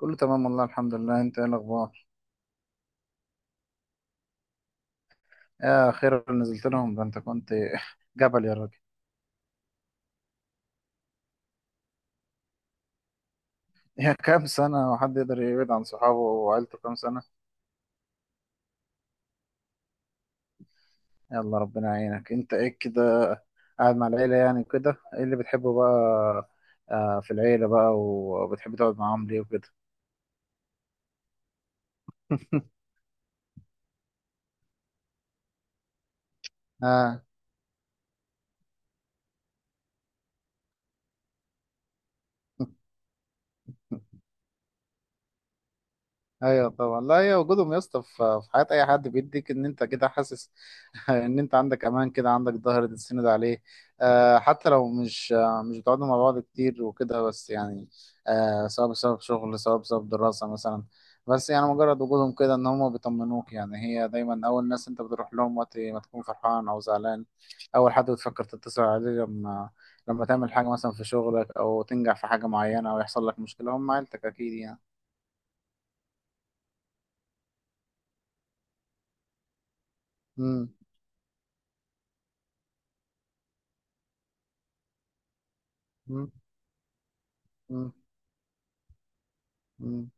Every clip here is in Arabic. كله تمام والله، الحمد لله. انت ايه الاخبار؟ يا خير نزلت لهم. ده انت كنت جبل يا راجل! يا كام سنة! وحد يقدر يبعد عن صحابه وعيلته كام سنة؟ يلا، ربنا يعينك. انت ايه كده، قاعد مع العيلة، يعني كده ايه اللي بتحبه بقى؟ في العيلة بقى، وبتحب تقعد معاهم ليه وكده؟ اه، ايوه طبعا. لا، هي وجودهم يا اسطى في حياه اي حد بيديك ان انت كده حاسس ان انت عندك امان كده، عندك ظهر تتسند عليه. آه، حتى لو مش بتقعدوا مع بعض كتير وكده، بس يعني سواء بسبب شغل سواء بسبب دراسه مثلا. بس يعني مجرد وجودهم كده، ان هم بيطمنوك. يعني هي دايما اول ناس انت بتروح لهم وقت ما تكون فرحان او زعلان. اول حد بتفكر تتصل عليه لما تعمل حاجه مثلا في شغلك، او تنجح في حاجه معينه، او يحصل لك مشكله. هم عيلتك اكيد يعني. امم. مم. مم.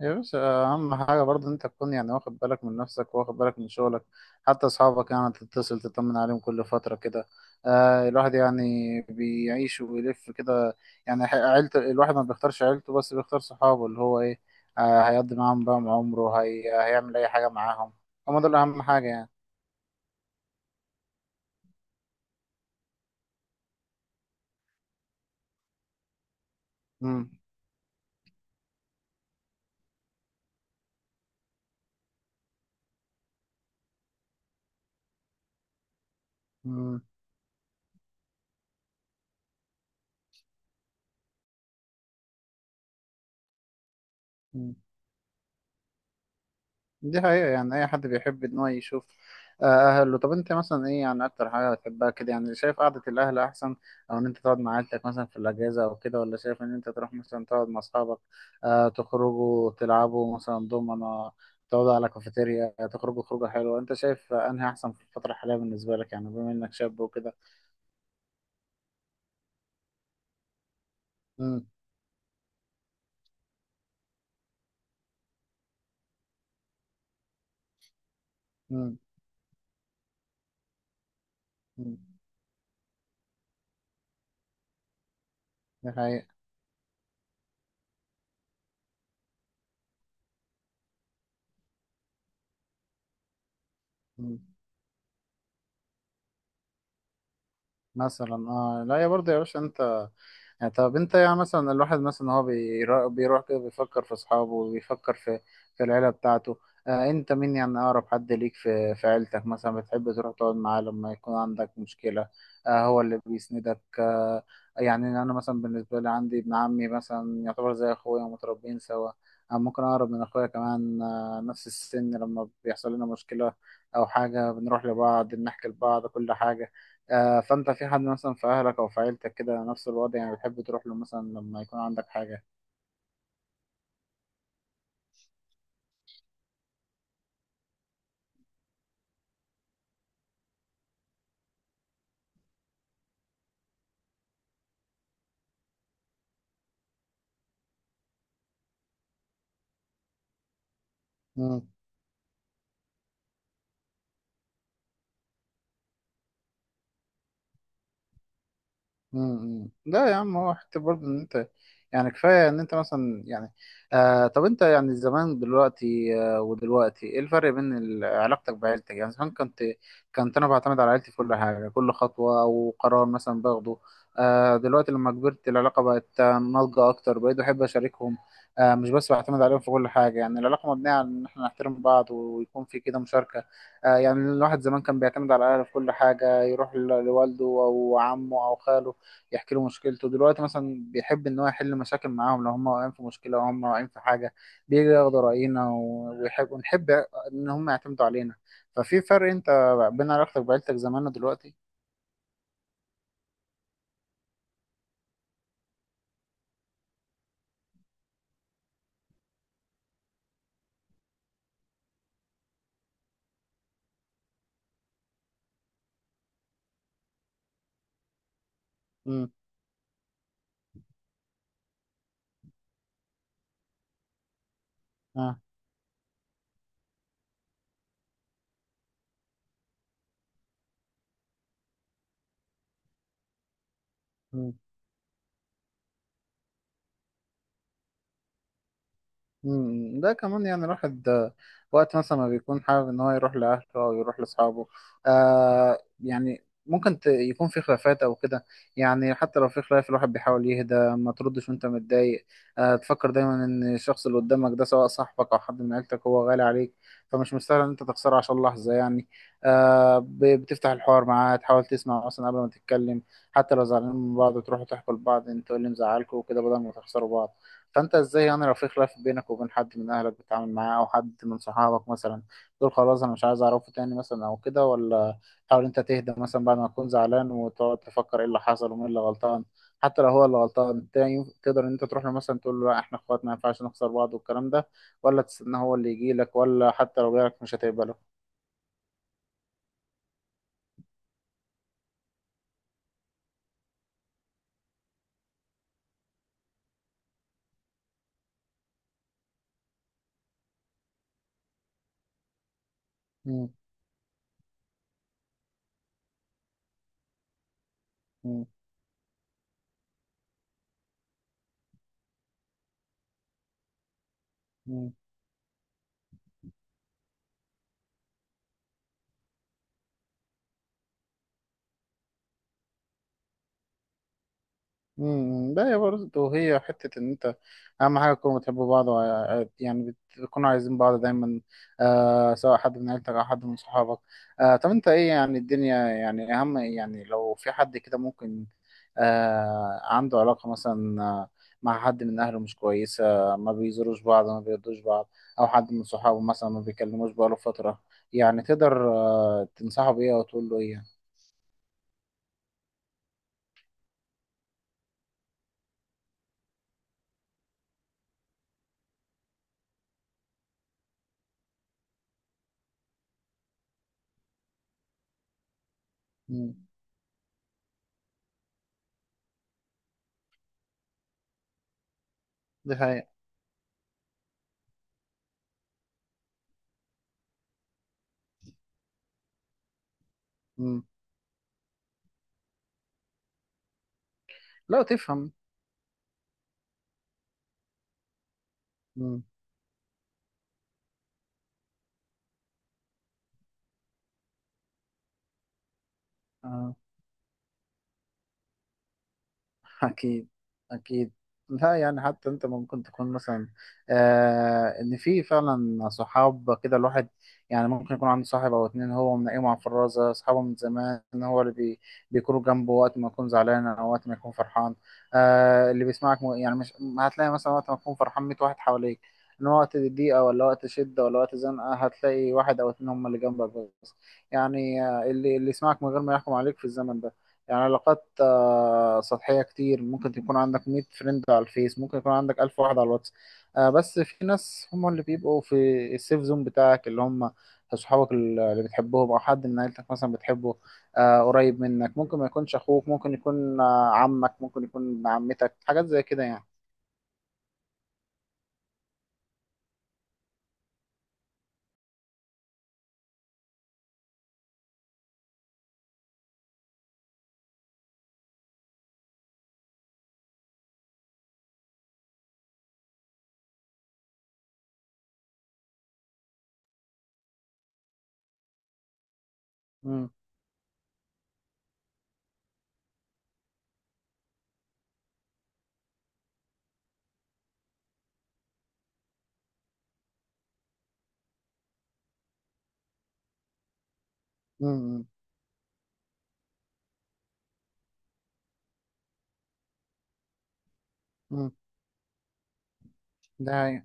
يا باشا، أهم حاجة برضه إن أنت تكون يعني واخد بالك من نفسك، واخد بالك من شغلك، حتى أصحابك، يعني تتصل تطمن عليهم كل فترة كده. الواحد يعني بيعيش وبيلف كده. يعني عيلته، الواحد ما بيختارش عيلته، بس بيختار صحابه اللي هو إيه. هيقضي معاهم بقى عمره، هيعمل أي حاجة معاهم. هما دول أهم حاجة يعني. مم. مم. دي حقيقة. يعني أي حد بيحب إن هو يشوف أهله. طب أنت مثلا إيه يعني أكتر حاجة بتحبها كده؟ يعني شايف قعدة الأهل أحسن، أو إن أنت تقعد مع عيلتك مثلا في الأجازة أو كده، ولا شايف إن أنت تروح مثلا تقعد مع أصحابك، تخرجوا تلعبوا مثلا دومنة، تقعدوا على كافيتيريا، تخرجوا خروجة حلوة؟ أنت شايف أنهي أحسن في الفترة الحالية بالنسبة لك، يعني بما إنك شاب وكده؟ مم. مم. مم. دي حقيقة. مم. مثلا اه، لا، يا برضه يا باشا انت، يعني طب انت يعني مثلا الواحد مثلا هو بيروح كده، بيفكر في اصحابه وبيفكر في العيله بتاعته. انت مين يعني؟ اقرب حد ليك في عيلتك مثلا، بتحب تروح تقعد معاه لما يكون عندك مشكله، هو اللي بيسندك. يعني انا مثلا بالنسبه لي عندي ابن عمي مثلا يعتبر زي اخويا، ومتربيين سوا، ممكن اقرب من اخويا كمان. نفس السن. لما بيحصل لنا مشكله او حاجه، بنروح لبعض، بنحكي لبعض كل حاجه. فانت في حد مثلا في اهلك او في عيلتك كده نفس الوضع، يعني بتحب تروح له مثلا لما يكون عندك حاجة؟ امم. لا يا عم، هو حتى برضه ان انت يعني كفايه ان انت مثلا يعني. طب انت يعني زمان دلوقتي، ودلوقتي ايه الفرق بين علاقتك بعيلتك يعني؟ زمان كنت انا بعتمد على عيلتي في كل حاجه، كل خطوه او قرار مثلا باخده. دلوقتي لما كبرت العلاقه بقت ناضجه اكتر، بقيت بحب اشاركهم. مش بس بعتمد عليهم في كل حاجه. يعني العلاقه مبنيه على ان احنا نحترم بعض، ويكون في كده مشاركه. يعني الواحد زمان كان بيعتمد على اهله في كل حاجه، يروح لوالده او عمه او خاله، يحكي له مشكلته. دلوقتي مثلا بيحب ان هو يحل مشاكل معاهم، لو هم واقعين في مشكله او هم واقعين في حاجه، بيجي ياخد راينا ويحب، ونحب ان هم يعتمدوا علينا. ففي فرق انت، بين علاقتك بعيلتك زمان ودلوقتي. امم. اه. مم. ده كمان يعني الواحد وقت مثلا ما بيكون حابب ان هو يروح لاهله او يروح لاصحابه، يعني ممكن يكون في خلافات او كده. يعني حتى لو في خلاف، الواحد بيحاول يهدى. ما تردش وانت متضايق. تفكر دايما ان الشخص اللي قدامك ده، سواء صاحبك او حد من عيلتك، هو غالي عليك، فمش مستاهل ان انت تخسره عشان لحظة يعني. بتفتح الحوار معاه، تحاول تسمع اصلا قبل ما تتكلم. حتى لو زعلانين من بعض، تروحوا تحكوا لبعض انتوا إيه اللي مزعلكوا وكده، بدل ما تخسروا بعض. فانت ازاي يعني لو في خلاف بينك وبين حد من اهلك بتتعامل معاه، او حد من صحابك مثلا؟ تقول خلاص انا مش عايز اعرفه تاني مثلا او كده، ولا تحاول انت تهدى مثلا بعد ما تكون زعلان، وتقعد تفكر ايه اللي حصل ومين اللي غلطان؟ حتى لو هو اللي غلطان، تاني تقدر ان انت تروح له مثلا تقول له لا احنا اخوات، ما ينفعش نخسر بعض والكلام ده، ولا تستنى هو اللي يجي لك؟ ولا حتى لو جالك مش هتقبله؟ مم. مم. مم. امم. لا، هي برضه هي حتة إن أنت أهم حاجة تكونوا بتحبوا بعض يعني بتكونوا عايزين بعض دايما، سواء حد من عيلتك أو حد من صحابك. طب أنت إيه يعني؟ الدنيا يعني أهم، يعني لو في حد كده ممكن عنده علاقة مثلا مع حد من أهله مش كويسة، ما بيزوروش بعض، ما بيردوش بعض، أو حد من صحابه مثلا ما بيكلموش بقاله فترة، يعني تقدر تنصحه بإيه أو تقول له إيه؟ مم. دي حقيقة. مم. لا، تفهم. مم. آه. أكيد. أكيد. لا يعني حتى أنت ممكن تكون مثلا إن في فعلا صحاب. كده الواحد يعني ممكن يكون عنده صاحب أو اتنين هو منقيهم على الفرازة، أصحابه من زمان، هو اللي بيكونوا جنبه وقت ما يكون زعلان أو وقت ما يكون فرحان، اللي بيسمعك يعني مش هتلاقي مثلا وقت ما تكون فرحان 100 واحد حواليك، إن وقت ضيقة ولا وقت شدة ولا وقت زنقة هتلاقي واحد أو اتنين هم اللي جنبك بس. يعني اللي يسمعك من غير ما يحكم عليك في الزمن ده. يعني علاقات سطحية كتير. ممكن يكون عندك 100 فريند على الفيس، ممكن يكون عندك 1000 واحد على الواتس، بس في ناس هم اللي بيبقوا في السيف زون بتاعك، اللي هم صحابك اللي بتحبهم، أو حد من عيلتك مثلا بتحبه، قريب منك. ممكن ما يكونش أخوك، ممكن يكون عمك، ممكن يكون ابن عمتك، حاجات زي كده يعني. مم. مم. مم. ده،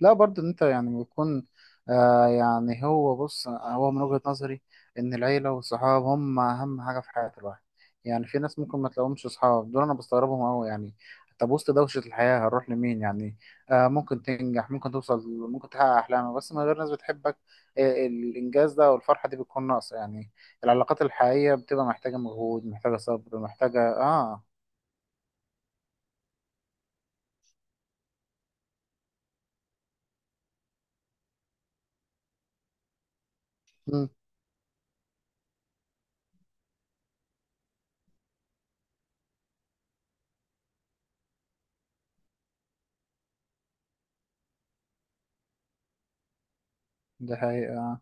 لا برضه ان انت يعني بيكون يعني هو بص، هو من وجهة نظري ان العيلة والصحاب هم اهم حاجة في حياة الواحد. يعني في ناس ممكن ما تلاقيهمش صحاب دول، انا بستغربهم قوي يعني. طب وسط دوشة الحياة هنروح لمين يعني؟ ممكن تنجح، ممكن توصل، ممكن تحقق احلامك، بس من غير ناس بتحبك، الانجاز ده والفرحة دي بتكون ناقصة يعني. العلاقات الحقيقية بتبقى محتاجة مجهود، محتاجة صبر، محتاجة اه مم، ده حقيقة.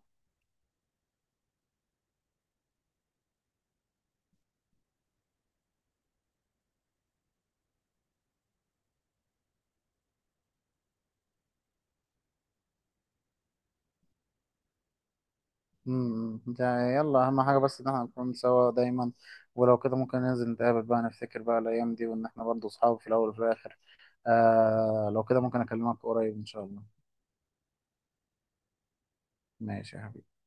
امم، ده يلا اهم حاجه بس ان احنا نكون سوا دايما، ولو كده ممكن ننزل نتقابل بقى، نفتكر بقى الايام دي، وان احنا برضه اصحاب في الاول وفي الاخر. لو كده ممكن اكلمك قريب ان شاء الله. ماشي يا حبيبي.